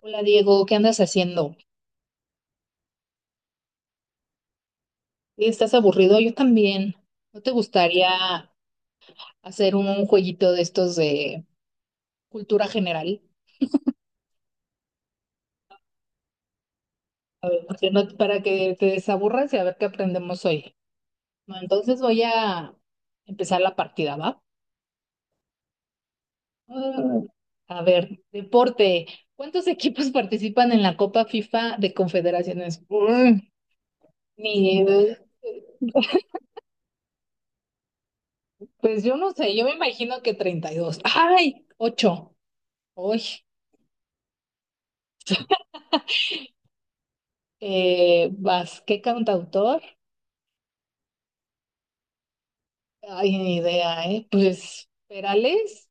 Hola Diego, ¿qué andas haciendo? Sí, ¿estás aburrido? Yo también. ¿No te gustaría hacer un jueguito de estos de cultura general? A ver, porque no- para que te desaburras y a ver qué aprendemos hoy. Bueno, entonces voy a empezar la partida, ¿va? Ah. A ver, deporte. ¿Cuántos equipos participan en la Copa FIFA de Confederaciones? Ni, pues yo no sé, yo me imagino que 32. ¡Ay! Ocho. ¡Ay! Vas, ¿qué cantautor? Ay, ni idea, ¿eh? Pues, ¿Perales?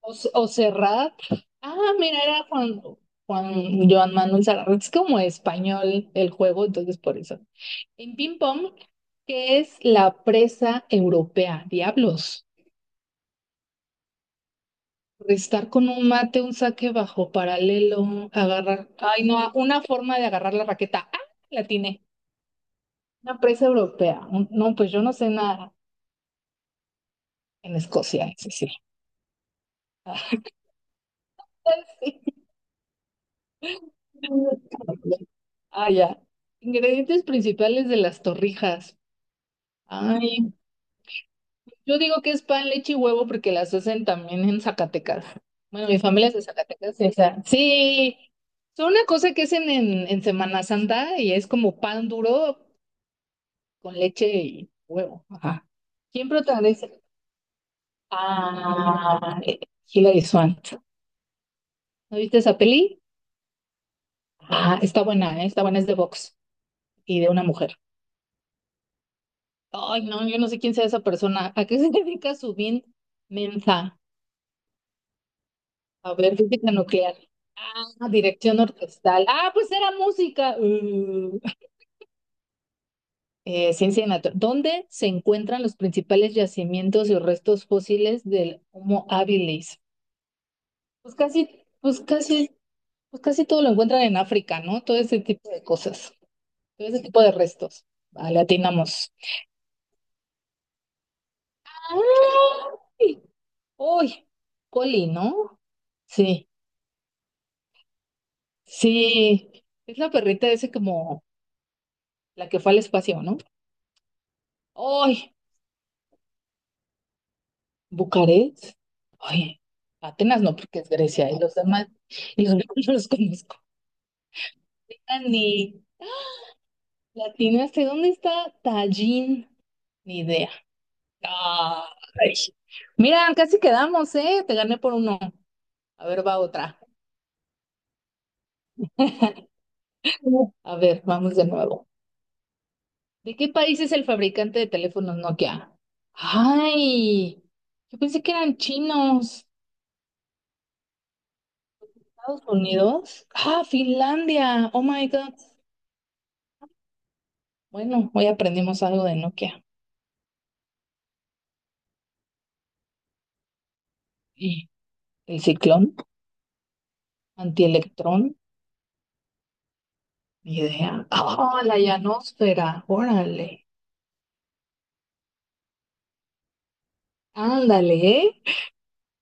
¿O Serrat? Ah, mira, era Juan, Juan Joan Manuel Serrat. Es como español el juego, entonces por eso. En ping pong, ¿qué es la presa europea? Diablos. Estar con un mate, un saque bajo paralelo, agarrar. Ay, no, una forma de agarrar la raqueta. ¡Ah! La tiene. Una presa europea. No, pues yo no sé nada en Escocia, sí, sí. Ah, sí. Ah, ya. Ingredientes principales de las torrijas. Ay, yo digo que es pan, leche y huevo porque las hacen también en Zacatecas. Bueno, mi familia es de Zacatecas, esa. Sí, son una cosa que hacen en, Semana Santa y es como pan duro con leche y huevo. Ajá. ¿Quién protagoniza? Ah, Hilary Swank. ¿No viste esa peli? Ah, está buena, está buena, es de box y de una mujer. Ay, no, yo no sé quién sea esa persona. ¿A qué se dedica Subin Menza? A ver, física nuclear. Ah, dirección orquestal. Ah, pues era música. Ciencia natural. ¿Dónde se encuentran los principales yacimientos y restos fósiles del Homo habilis? Pues casi, pues casi, pues casi todo lo encuentran en África, ¿no? Todo ese tipo de cosas, todo ese tipo de restos. Vale, atinamos. ¡Ay! ¡Uy! Coli, ¿no? Sí. Sí, es la perrita ese como la que fue al espacio, ¿no? ¡Ay! ¿Bucarest? Ay, Atenas no, porque es Grecia, y los demás, y los demás no los conozco. Ni latinaste, ¿dónde está Tallin? Ni idea. Ay. Mira, casi quedamos, ¿eh? Te gané por uno. A ver, va otra. A ver, vamos de nuevo. ¿De qué país es el fabricante de teléfonos Nokia? Ay, yo pensé que eran chinos. Estados Unidos. Ah, Finlandia. Oh my God. Bueno, hoy aprendimos algo de Nokia. Y el ciclón, antielectrón, ni idea. Oh, la llanosfera. Órale. Ándale, ¿eh?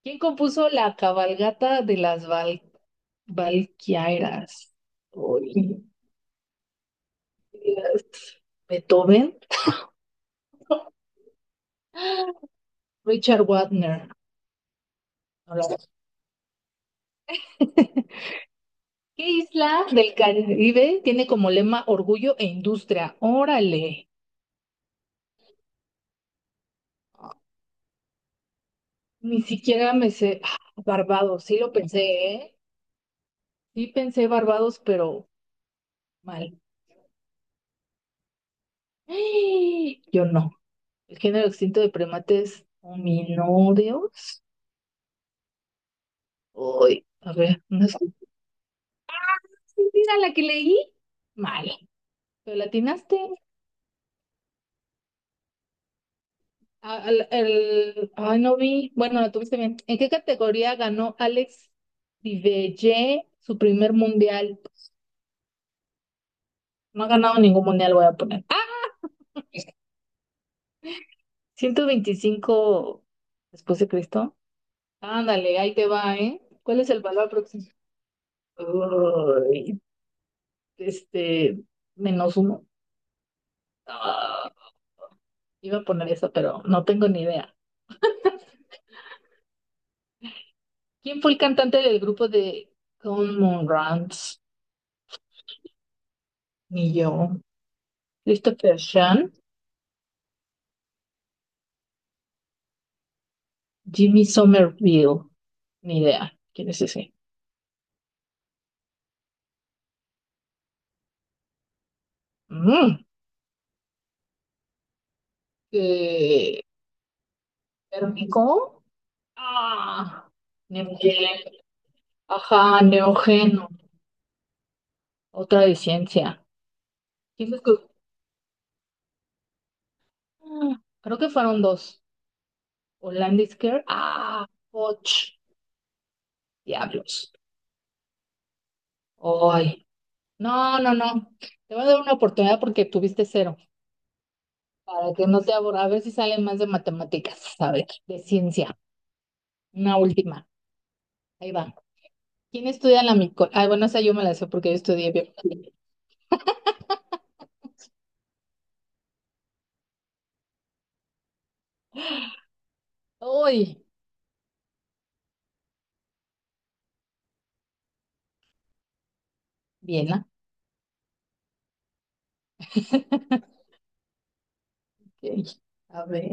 ¿Quién compuso la cabalgata de las Valquirias? Uy, Dios. Beethoven. Richard Wagner. No lo sé. ¿Qué isla del Caribe tiene como lema orgullo e industria? Órale. Ni siquiera me sé. Ah, Barbados, sí lo pensé, ¿eh? Sí pensé Barbados, pero mal. ¡Ay! Yo no. El género extinto de primates hominódeos. Uy, a ver, no es. Sí, mira la que leí. Mal. ¿Pero latinaste? Ay, no vi. Bueno, la tuviste bien. ¿En qué categoría ganó Alex Divelle su primer mundial? No ha ganado ningún mundial, voy a poner. Ciento veinticinco después de Cristo. Ándale, ahí te va, ¿eh? ¿Cuál es el valor aproximado? Uy, este, -1. Ah, iba a poner eso, pero no tengo ni idea. ¿Quién fue el cantante del grupo de Common Runs? Ni yo. Christopher Shan, Jimmy Somerville. Ni idea. ¿Quién es ese? Mm. Eh, ¿Térmico? Ah, Neogen. Ajá, Neógeno. Otra de ciencia. ¿Quién los co- Ah, creo que fueron dos. O Landis Care. Ah, och, diablos. Ay, no, no, no. Te voy a dar una oportunidad porque tuviste cero, para que no te aburra. A ver si sale más de matemáticas, a ver, de ciencia. Una última. Ahí va. ¿Quién estudia la mico? Ah, bueno, esa yo me la sé porque yo estudié biología. Uy, bien, ¿ah? Ok. A ver,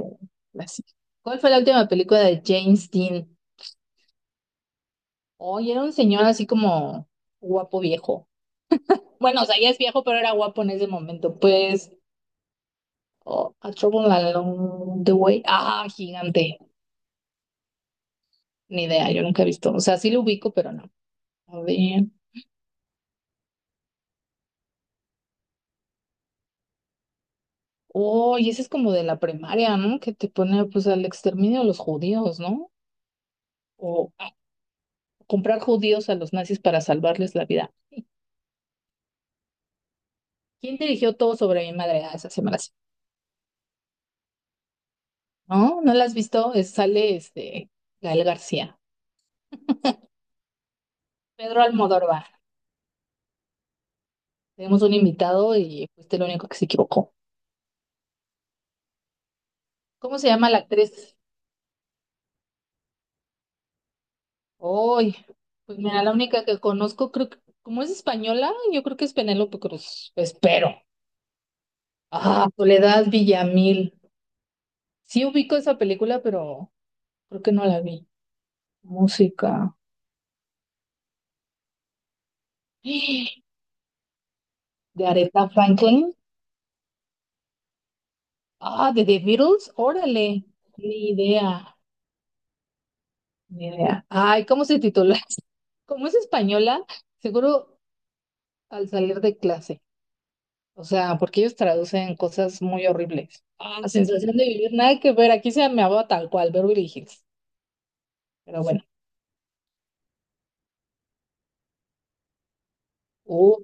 la sí- ¿cuál fue la última película de James Dean? Oye, era un señor así como guapo viejo. Bueno, o sea, ya es viejo, pero era guapo en ese momento. Pues. Oh, A Trouble Along the Way. Ah, gigante. Ni idea, yo nunca he visto. O sea, sí lo ubico, pero no. A ver. Oh, y ese es como de la primaria, ¿no? Que te pone pues al exterminio de los judíos, ¿no? O a comprar judíos a los nazis para salvarles la vida. ¿Quién dirigió todo sobre mi madre? Ah, esa se me la sé. ¿No? ¿No la has visto? Sale este Gael García. Pedro Almodóvar. Tenemos un invitado y fuiste el único que se equivocó. ¿Cómo se llama la actriz? Uy, pues mira, la única que conozco, creo que, como es española, yo creo que es Penélope Cruz. Espero. Ah, Soledad Villamil. Sí ubico esa película, pero creo que no la vi. Música. De Aretha Franklin. Ah, de The Beatles. Órale. Ni idea. Ni idea. Ay, ¿cómo se titula? Como es española, seguro al salir de clase. O sea, porque ellos traducen cosas muy horribles. Ah, La sensación de vivir, nada que ver. Aquí se me va tal cual, Beverly Hills. Pero bueno, uh,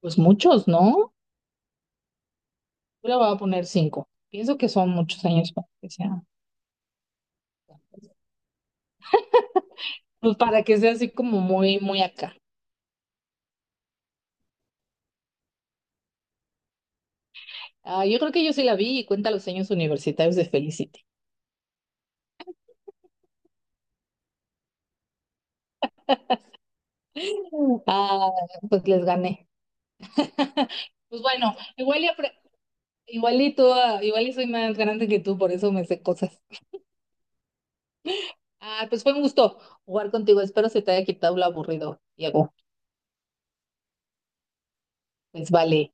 pues muchos, ¿no? Yo le voy a poner cinco. Pienso que son muchos años para que sea, pues para que sea así como muy, muy acá. Ah, yo creo que yo sí la vi y cuenta los años universitarios de Felicity. Ah, pues les gané. Pues bueno, igual y tú, igual y soy más grande que tú, por eso me sé cosas. Ah, pues fue un gusto jugar contigo. Espero se te haya quitado lo aburrido, Diego. Pues vale,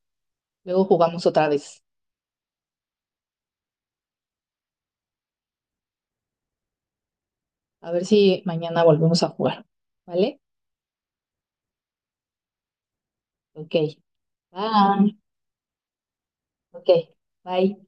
luego jugamos otra vez. A ver si mañana volvemos a jugar. ¿Vale? Ok. Bye. Ok. Bye.